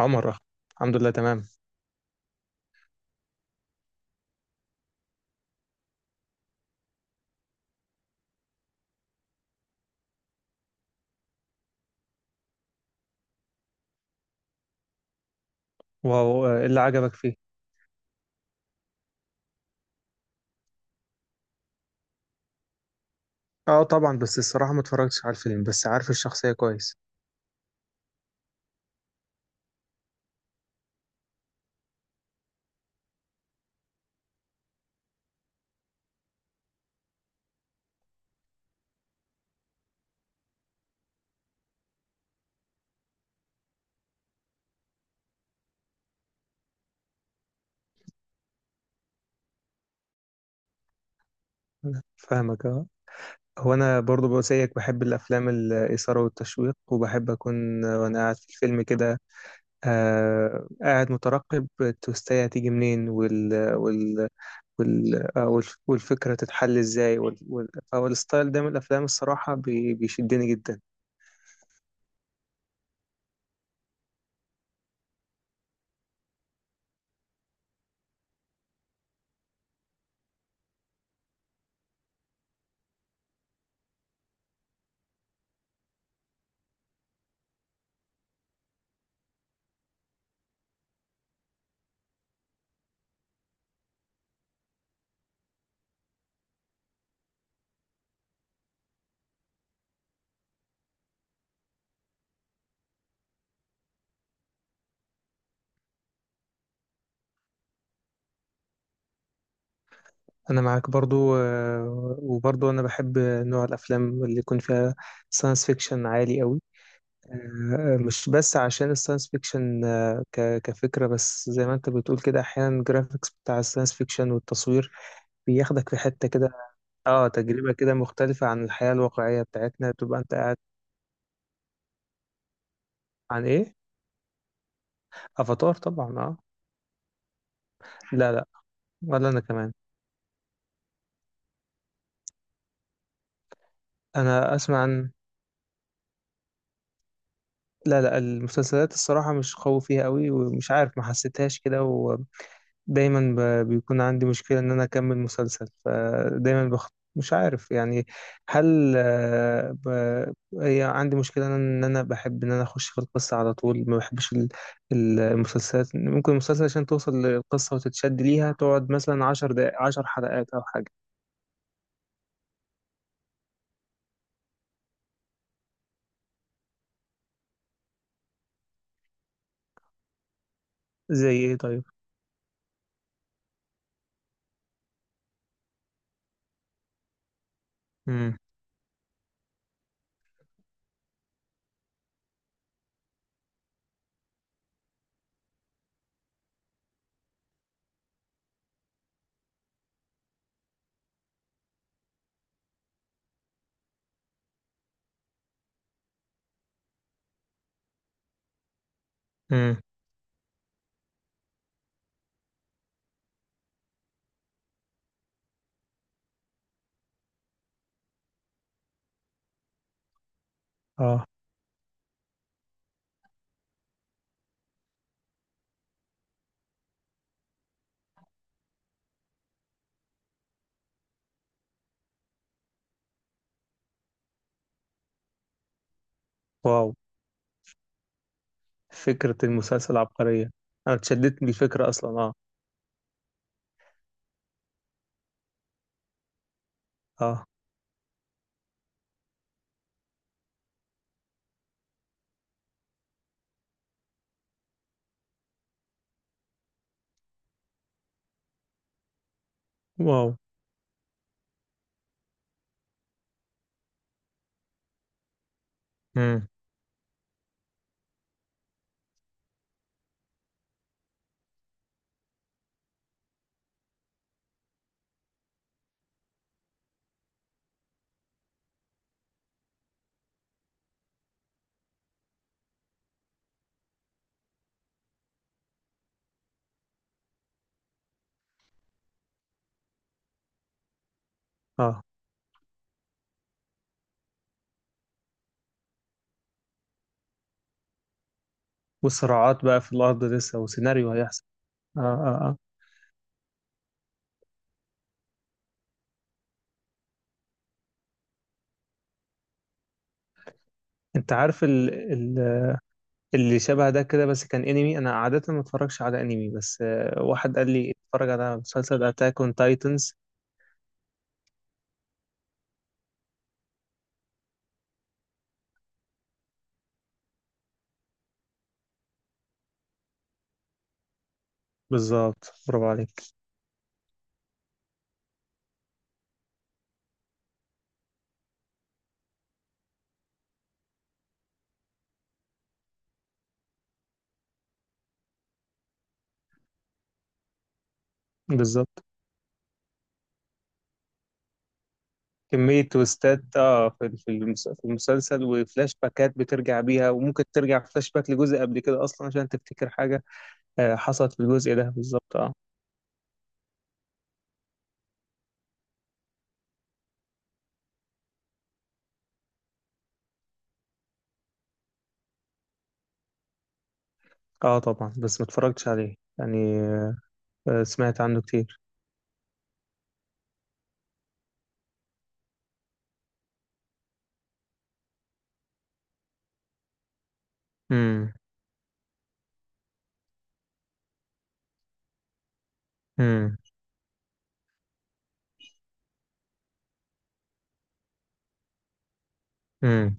عمر أخ. الحمد لله تمام. واو آه، إيه اللي عجبك فيه؟ اه طبعا، بس الصراحة ما اتفرجتش على الفيلم، بس عارف الشخصية كويس. فاهمك، اه. هو انا برضو بقول زيك، بحب الافلام الاثارة والتشويق، وبحب اكون وانا قاعد في الفيلم كده آه، قاعد مترقب التوستاية هتيجي منين والفكرة تتحل ازاي فهو الستايل ده من الافلام الصراحة بيشدني جدا. انا معاك برضو آه، وبرضو انا بحب نوع الافلام اللي يكون فيها ساينس فيكشن عالي قوي. مش بس عشان الساينس فيكشن آه، كفكرة، بس زي ما انت بتقول كده احيانا الجرافيكس بتاع الساينس فيكشن والتصوير بياخدك في حتة كده. اه، تجربة كده مختلفة عن الحياة الواقعية بتاعتنا، بتبقى انت قاعد. عن ايه؟ افاتار طبعا، اه. لا لا، ولا انا كمان. انا اسمع عن... لا لا، المسلسلات الصراحة مش قوي فيها قوي، ومش عارف، ما حسيتهاش كده. دايما بيكون عندي مشكلة ان انا اكمل مسلسل، فدايما بخ... مش عارف يعني. هل آه، ب... هي عندي مشكلة ان انا بحب ان انا اخش في القصة على طول، ما بحبش المسلسلات. ممكن المسلسل عشان توصل للقصة وتتشد ليها تقعد مثلا عشر دقائق، عشر حلقات او حاجة. زي ايه طيب؟ امم. امم. اه. واو، فكرة المسلسل عبقرية. انا اتشددت من الفكرة اصلا، اه. اه. واو. امم. اه. وصراعات بقى في الأرض لسه، وسيناريو هيحصل. آه آه آه. أنت عارف اللي شبه ده كده، بس كان أنمي. أنا عادة ما اتفرجش على أنمي، بس آه، واحد قال لي اتفرج على مسلسل أتاك أون تايتنز. بالظبط، برافو عليك. بالظبط. كمية تويستات، اه، في في المسلسل، وفلاش باكات بترجع بيها، وممكن ترجع فلاش باك لجزء قبل كده أصلا عشان تفتكر حاجة. آه، حصلت في الجزء ده بالظبط، اه. اه طبعا، بس ما اتفرجتش عليه يعني آه. آه، سمعت عنه كتير. امم. امم. امم.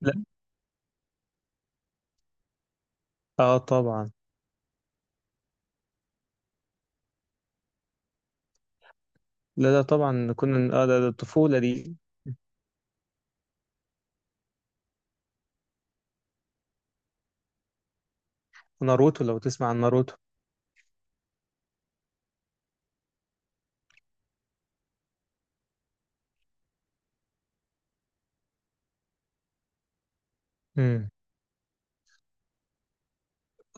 لا. اه طبعا. لا لا طبعا، كنا اه، ده الطفولة دي. ناروتو، لو تسمع عن ناروتو. امم.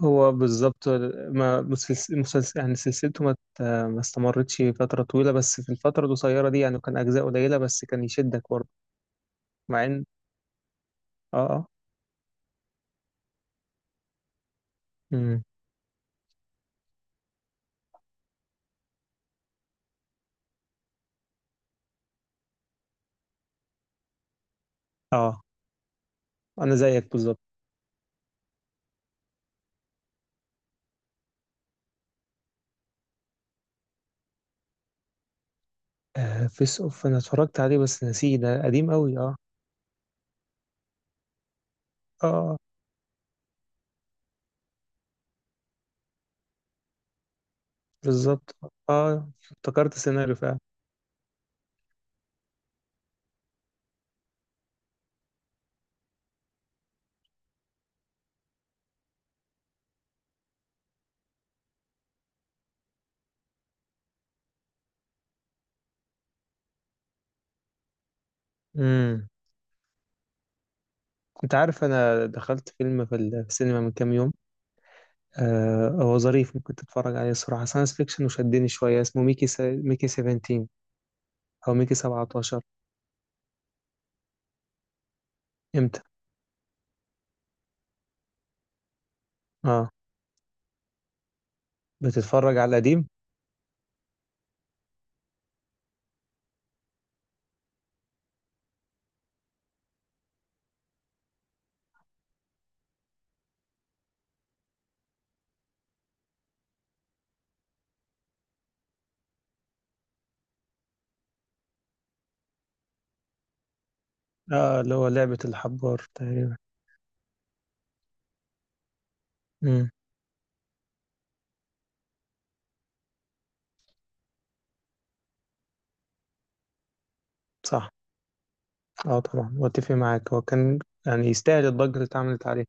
هو بالظبط. ما مسلسل يعني، سلسلته ما استمرتش فترة طويلة، بس في الفترة القصيرة دي يعني كان أجزاء قليلة، بس كان يشدك برضه. مع إن... آه آه. امم. آه. أنا زيك بالظبط. آه، فيس أوف، أنا اتفرجت عليه بس نسيه، ده قديم أوي آه. آه آه، بالظبط. آه، افتكرت السيناريو فعلا. امم. أنت عارف أنا دخلت فيلم في السينما من كام يوم؟ آه، هو ظريف، ممكن تتفرج عليه الصراحة، ساينس فيكشن وشدني شوية، اسمه ميكي 17، أو ميكي 17. إمتى؟ آه. بتتفرج على القديم؟ آه، اللي هو لعبة الحبار تقريبا. امم. صح. آه طبعا، وأتفق معاك، هو كان يعني يستاهل الضجة اللي اتعملت عليه.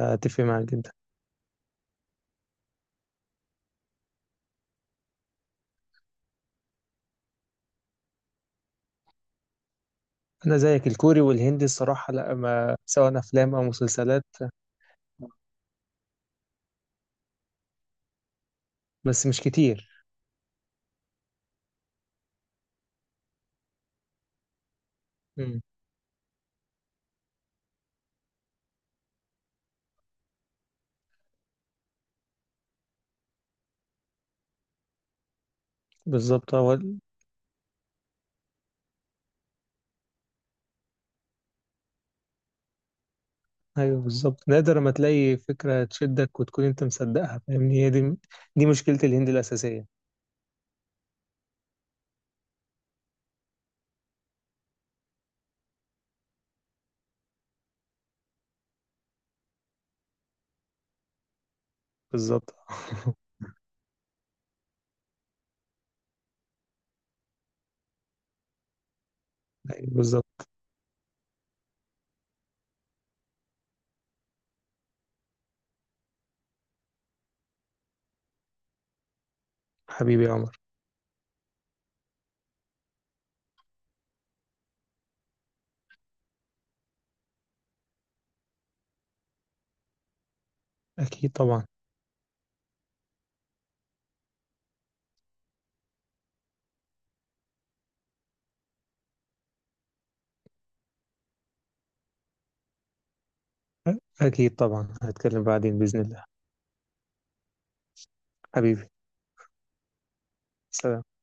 آه، أتفق معاك جدا. أنا زيك، الكوري والهندي الصراحة لا، ما سواء أفلام أو مسلسلات. بس مش كتير. امم. بالظبط، هو... ايوه بالظبط، نادر ما تلاقي فكره تشدك وتكون انت مصدقها، فاهمني؟ هي دي، دي مشكله الهند الاساسيه. بالظبط ايوه بالظبط. حبيبي يا عمر. اكيد طبعا. اكيد طبعا، هتكلم بعدين باذن الله. حبيبي. سلام.